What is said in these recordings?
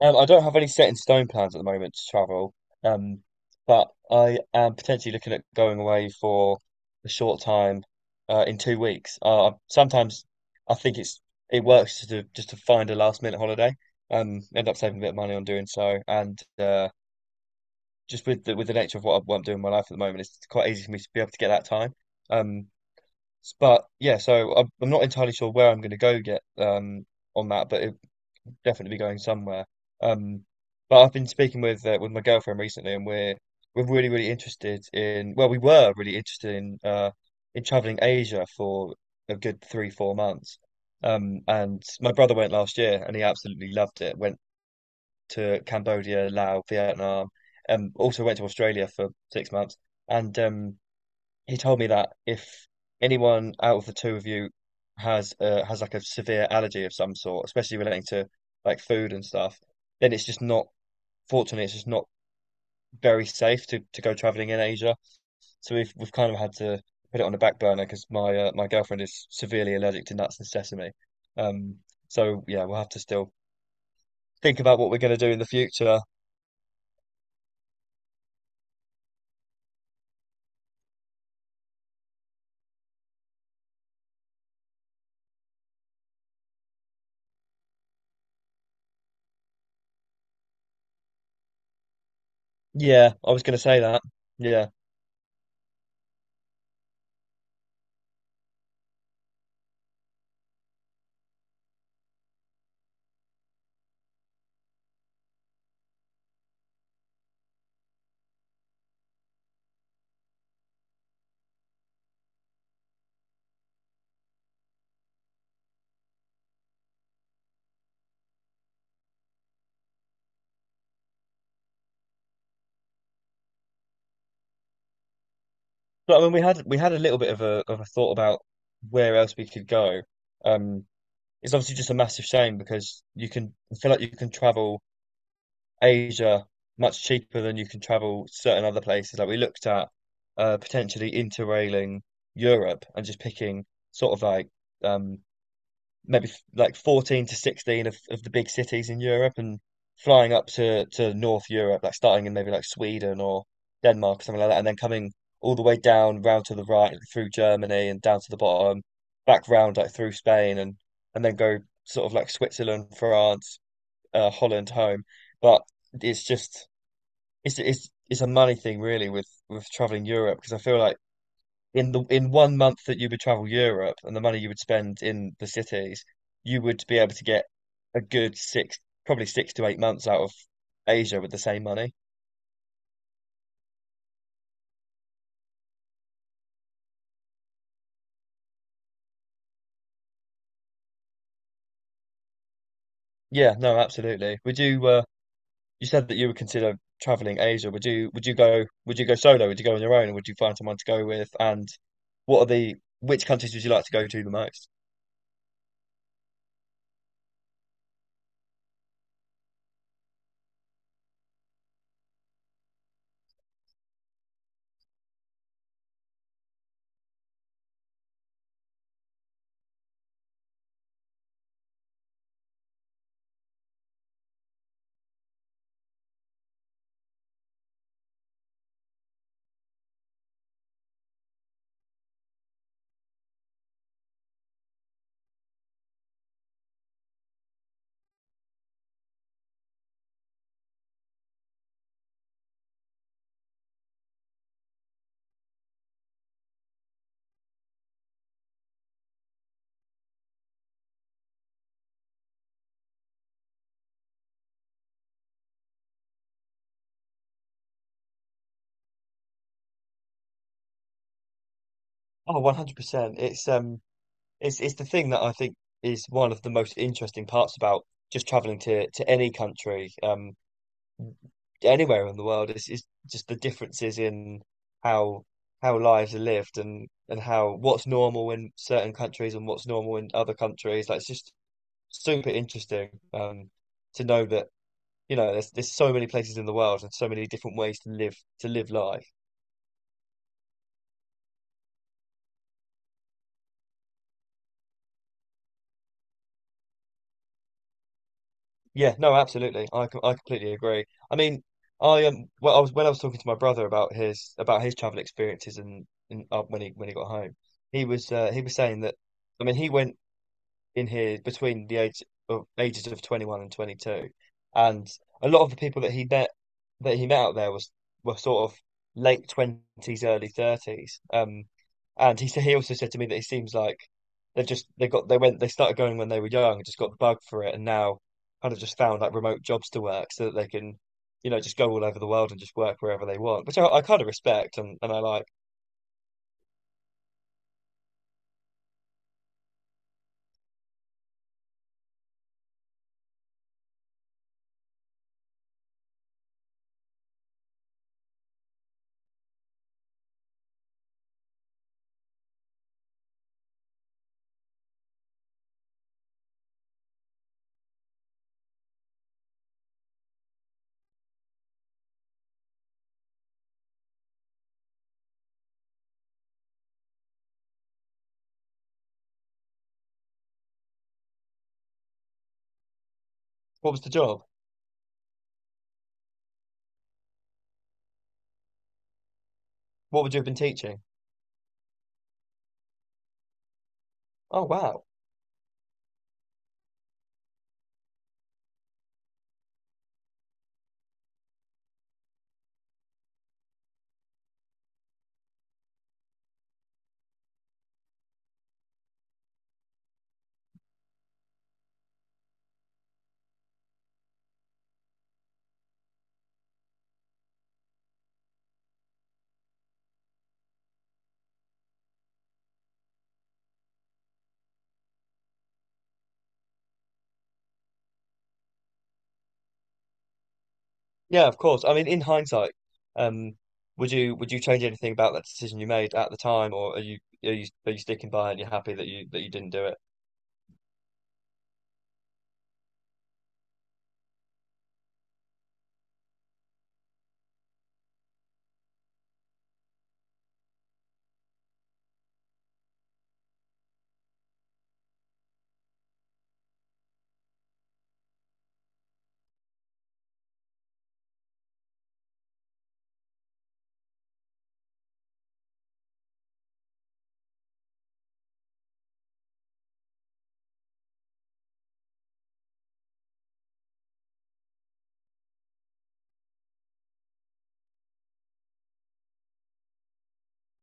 I don't have any set in stone plans at the moment to travel, um, but I am potentially looking at going away for a short time in 2 weeks. Sometimes I think it's it works to just to find a last minute holiday, end up saving a bit of money on doing so, and just with with the nature of what I'm doing in my life at the moment, it's quite easy for me to be able to get that time. Um, but yeah, so I'm not entirely sure where I'm going to go yet on that, definitely be going somewhere. Um, but I've been speaking with my girlfriend recently, and we're really really interested in well, we were really interested in traveling Asia for a good 3-4 months. And my brother went last year, and he absolutely loved it. Went to Cambodia, Laos, Vietnam, also went to Australia for 6 months, and he told me that if anyone out of the two of you has like a severe allergy of some sort, especially relating to like food and stuff, then it's just not, fortunately, it's just not very safe to go traveling in Asia. So we've kind of had to put it on the back burner because my girlfriend is severely allergic to nuts and sesame. Um, so yeah, we'll have to still think about what we're going to do in the future. Yeah, I was going to say that. Yeah, but I mean, we had a little bit of a thought about where else we could go. Um, it's obviously just a massive shame because you can I feel like you can travel Asia much cheaper than you can travel certain other places. Like we looked at potentially interrailing Europe and just picking sort of like um, maybe like 14 to 16 of the big cities in Europe and flying up to North Europe, like starting in maybe like Sweden or Denmark or something like that, and then coming all the way down round to the right through Germany and down to the bottom, back round like through Spain and then go sort of like Switzerland, France, Holland home. But it's just it's a money thing really with traveling Europe because I feel like in the in 1 month that you would travel Europe and the money you would spend in the cities, you would be able to get a good six, probably 6 to 8 months out of Asia with the same money. Yeah, no, absolutely. Would you You said that you would consider traveling Asia. Would you go solo? Would you go on your own or would you find someone to go with? And what are the which countries would you like to go to the most? Oh, 100%. It's the thing that I think is one of the most interesting parts about just traveling to any country. Anywhere in the world. It's just the differences in how lives are lived and how what's normal in certain countries and what's normal in other countries. Like it's just super interesting to know that there's so many places in the world and so many different ways to live life. Yeah, no, absolutely. I completely agree. I mean, I well, I was when I was talking to my brother about his travel experiences and when he got home, he was saying that. I mean, he went in here between the age of ages of 21 and 22 and a lot of the people that he met out there was were sort of late 20s early 30s and he also said to me that it seems like they've just they got they went they started going when they were young and just got the bug for it and now kind of just found like remote jobs to work so that they can just go all over the world and just work wherever they want which I kind of respect and I like. What was the job what would you have been teaching oh wow Yeah, of course. I mean, in hindsight, um, would you change anything about that decision you made at the time, or are you sticking by it and you're happy that you didn't do it?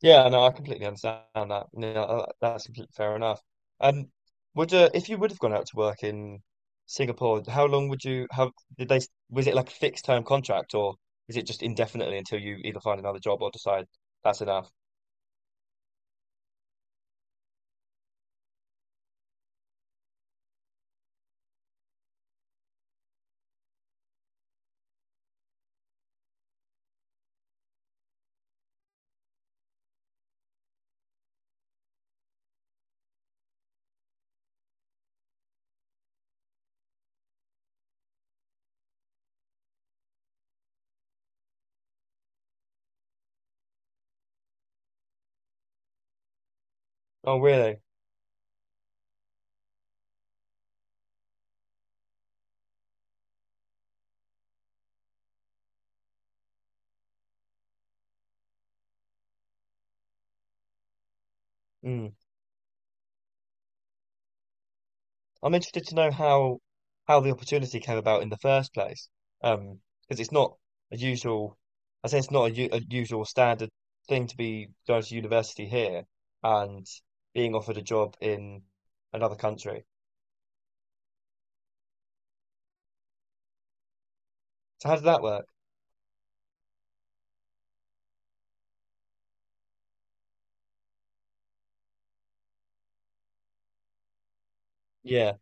Yeah, no, I completely understand that. No, that's completely fair enough. Um, would If you would have gone out to work in Singapore, how long would you how did they was it like a fixed term contract, or is it just indefinitely until you either find another job or decide that's enough? Oh, really? Mm. I'm interested to know how the opportunity came about in the first place. Because it's not a usual, I say it's not a, u- a usual standard thing to be going to university here and being offered a job in another country. So how did that work? Yeah,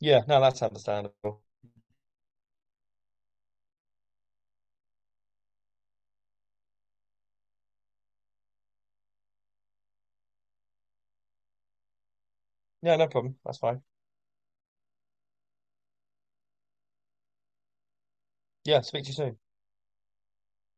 yeah, no, that's understandable. Yeah, no problem. That's fine. Yeah, speak to you soon.